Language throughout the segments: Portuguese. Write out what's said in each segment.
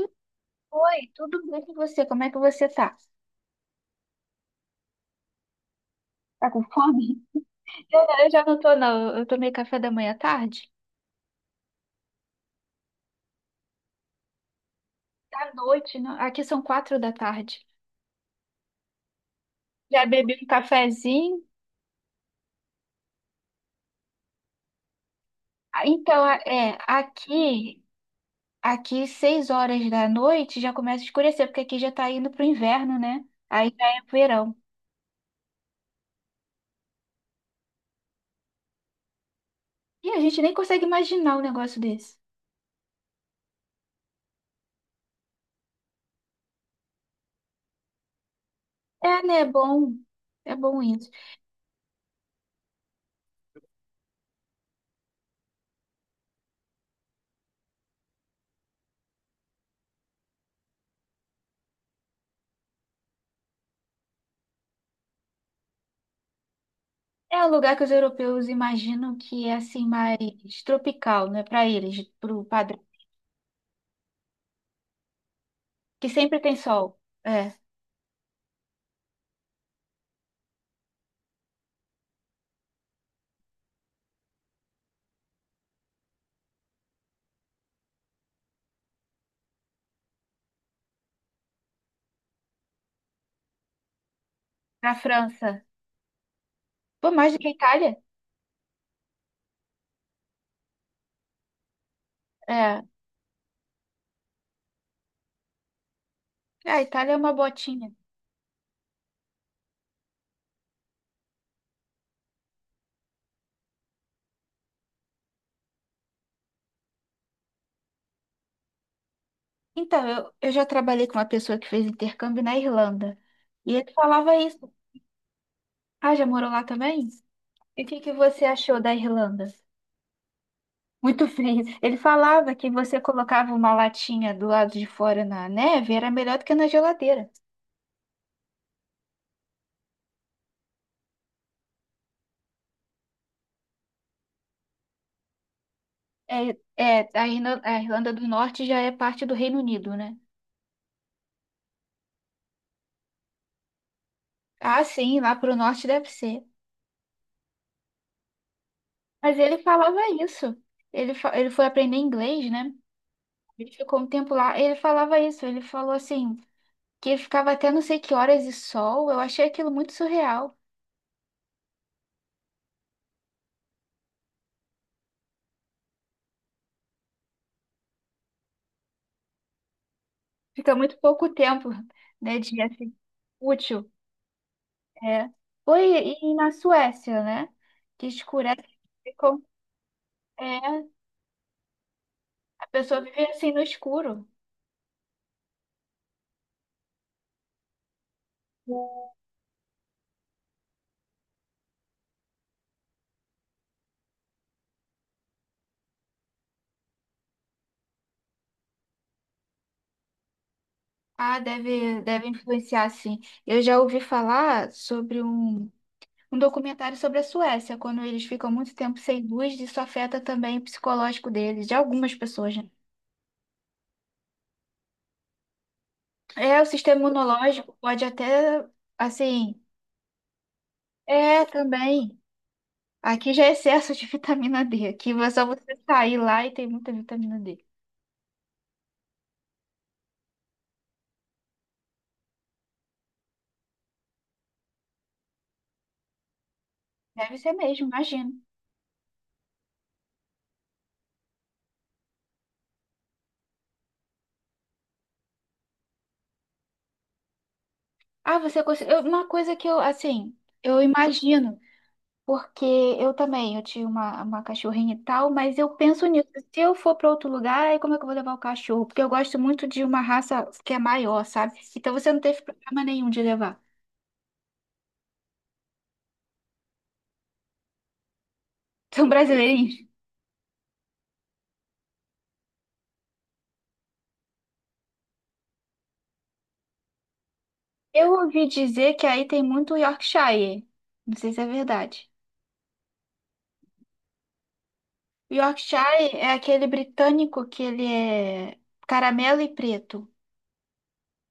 E Oi, tudo bem com você? Como é que você tá? Tá com fome? Eu já não tô, não. Eu tomei café da manhã à tarde. À noite, não. Aqui são quatro da tarde. Já bebi um cafezinho. Ah, então, aqui seis horas da noite já começa a escurecer, porque aqui já tá indo pro inverno, né? Aí já é verão. E a gente nem consegue imaginar um negócio desse. É, né? É bom. É bom isso. É um lugar que os europeus imaginam que é assim mais tropical, né? Para eles, pro padrão que sempre tem sol. É, pra França. Pô, mais do que a Itália? É. É, a Itália é uma botinha. Então, eu já trabalhei com uma pessoa que fez intercâmbio na Irlanda. E ele falava isso. Ah, já morou lá também? E o que que você achou da Irlanda? Muito frio. Ele falava que você colocava uma latinha do lado de fora na neve, era melhor do que na geladeira. É, é, a Irlanda do Norte já é parte do Reino Unido, né? Ah, sim, lá pro norte deve ser. Mas ele falava isso. Ele foi aprender inglês, né? Ele ficou um tempo lá. Ele falava isso. Ele falou assim, que ele ficava até não sei que horas de sol. Eu achei aquilo muito surreal. Fica muito pouco tempo, né, de assim, útil. É. Foi e na Suécia, né? Que escurece. Ficou, é, a pessoa vive assim no escuro. Ah, deve influenciar, sim. Eu já ouvi falar sobre um documentário sobre a Suécia, quando eles ficam muito tempo sem luz, isso afeta também o psicológico deles, de algumas pessoas, né? É, o sistema imunológico pode até, assim, é também. Aqui já é excesso de vitamina D. Aqui é só você sair lá e tem muita vitamina D. Deve ser mesmo, imagino. Ah, você conseguiu. Uma coisa que eu, assim, eu imagino. Porque eu também, eu tinha uma cachorrinha e tal, mas eu penso nisso. Se eu for para outro lugar, aí como é que eu vou levar o cachorro? Porque eu gosto muito de uma raça que é maior, sabe? Então você não teve problema nenhum de levar. São brasileirinhos. Eu ouvi dizer que aí tem muito Yorkshire. Não sei se é verdade. Yorkshire é aquele britânico que ele é caramelo e preto,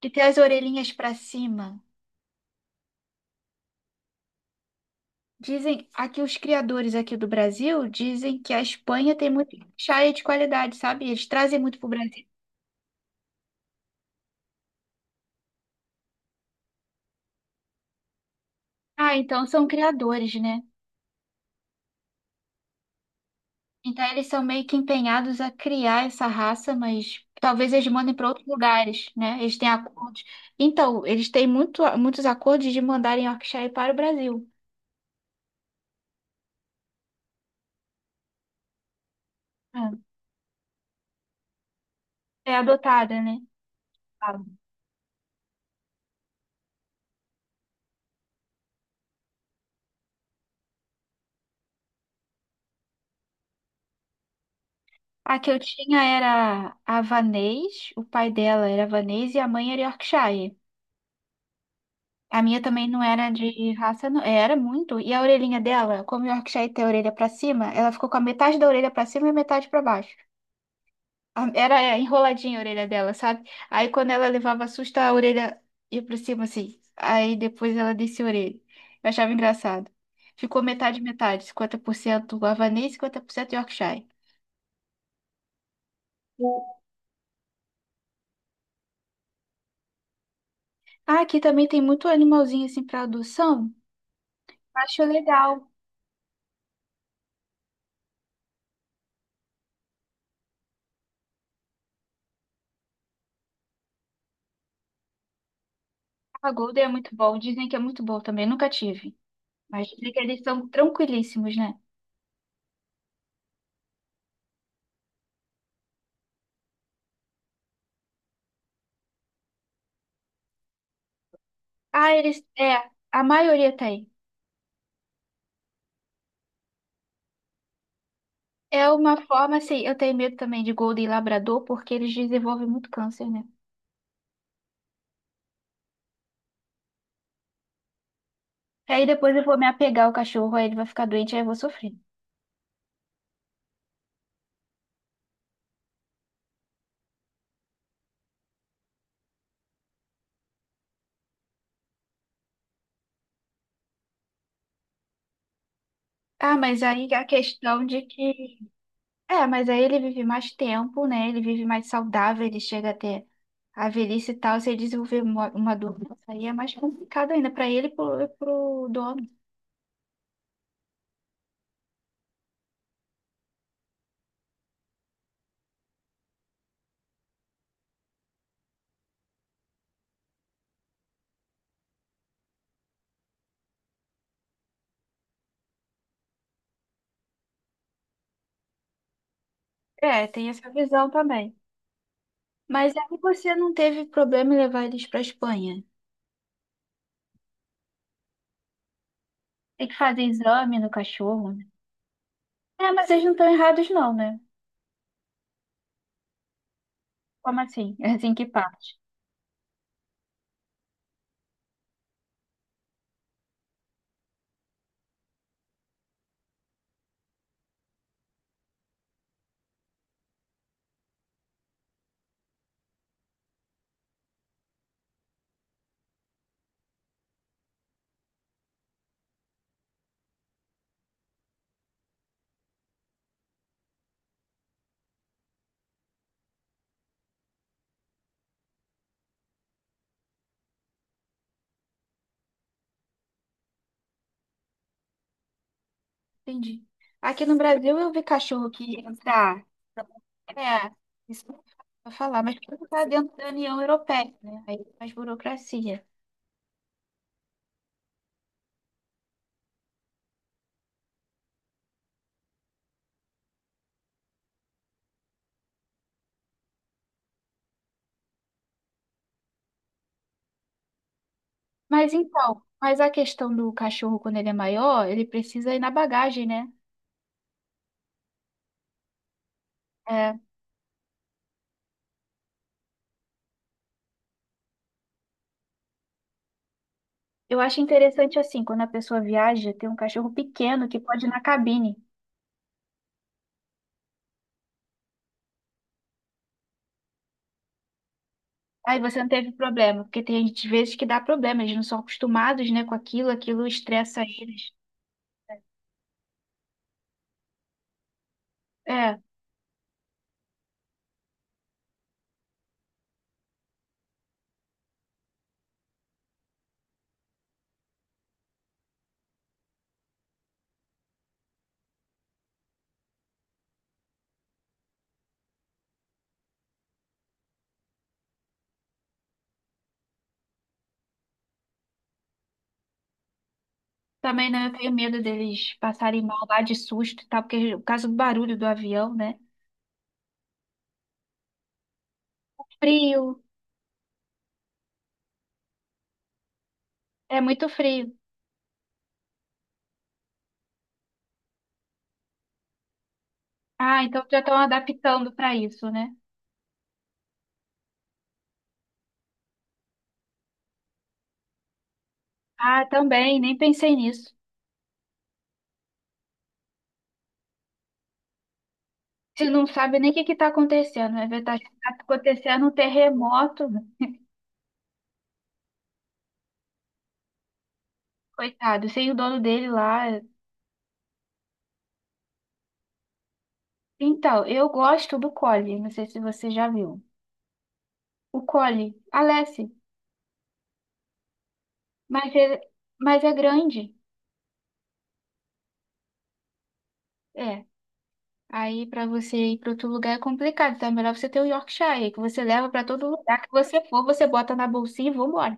que tem as orelhinhas para cima. Dizem, aqui os criadores aqui do Brasil dizem que a Espanha tem muito chá de qualidade, sabe? Eles trazem muito pro Brasil. Ah, então são criadores, né? Então eles são meio que empenhados a criar essa raça, mas talvez eles mandem para outros lugares, né? Eles têm acordos. Então, eles têm muito, muitos acordos de mandarem Yorkshire para o Brasil. Ah, é adotada, né? Ah. A que eu tinha era havanês, o pai dela era havanês e a mãe era Yorkshire. A minha também não era de raça, não. Era muito. E a orelhinha dela, como o Yorkshire tem a orelha pra cima, ela ficou com a metade da orelha pra cima e metade pra baixo. Era, enroladinha a orelha dela, sabe? Aí quando ela levava susto, a orelha ia pra cima assim. Aí depois ela descia a orelha. Eu achava engraçado. Ficou metade, metade. 50% havanês, 50% Yorkshire. Ah, aqui também tem muito animalzinho assim pra adoção. Acho legal. A Golden é muito bom. Dizem que é muito bom também. Nunca tive. Mas dizem que eles são tranquilíssimos, né? Ah, eles. É, a maioria tem. É uma forma, assim, eu tenho medo também de Golden Labrador, porque eles desenvolvem muito câncer, né? Aí depois eu vou me apegar ao cachorro, aí ele vai ficar doente, aí eu vou sofrer. Ah, mas aí a questão de que. É, mas aí ele vive mais tempo, né? Ele vive mais saudável, ele chega até a velhice e tal. Se ele desenvolver uma doença, aí é mais complicado ainda pra ele e pro dono. É, tem essa visão também. Mas aí você não teve problema em levar eles pra Espanha? Tem que fazer exame no cachorro, né? É, mas eles não estão errados não, né? Como assim? É assim que parte. Entendi. Aqui no Brasil eu vi cachorro que entrar. É, isso não vou falar, mas porque está dentro da União Europeia, né? Aí tem mais burocracia. Mas então, mas a questão do cachorro quando ele é maior, ele precisa ir na bagagem, né? É, eu acho interessante assim, quando a pessoa viaja, ter um cachorro pequeno que pode ir na cabine. Aí você não teve problema, porque tem gente, às vezes que dá problema, eles não são acostumados, né, com aquilo, aquilo estressa eles. É, também, né, eu tenho medo deles passarem mal lá de susto e tal, porque o caso do barulho do avião, né? Frio, é muito frio. Ah, então já estão adaptando para isso, né? Ah, também, nem pensei nisso. Você não sabe nem o que que tá acontecendo, né? Tá acontecendo um terremoto, né? Coitado, sem o dono dele lá. Então, eu gosto do Collie, não sei se você já viu. O Cole, Aleph, mas é, mas é grande. É. Aí pra você ir pra outro lugar é complicado, então é melhor você ter o Yorkshire, que você leva pra todo lugar que você for, você bota na bolsinha e vambora.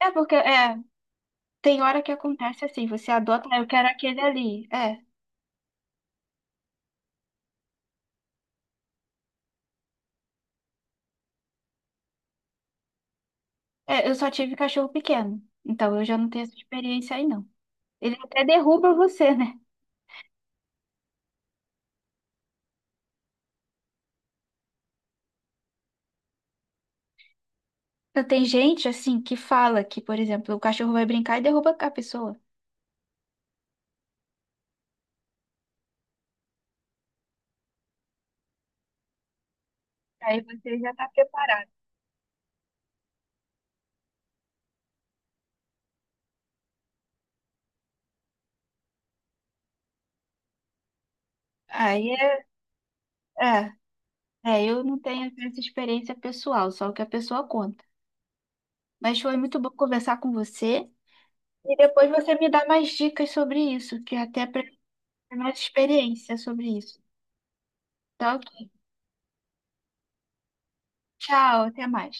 É porque é, tem hora que acontece assim, você adota, "Ah, eu quero aquele ali." É, eu só tive cachorro pequeno, então eu já não tenho essa experiência aí não. Ele até derruba você, né? Então, tem gente assim que fala que, por exemplo, o cachorro vai brincar e derruba a pessoa. Aí você já tá preparado. Aí É. É, eu não tenho essa experiência pessoal, só o que a pessoa conta. Mas foi muito bom conversar com você. E depois você me dá mais dicas sobre isso, que até para ter mais experiência sobre isso. Tá, ok. Tchau, até mais.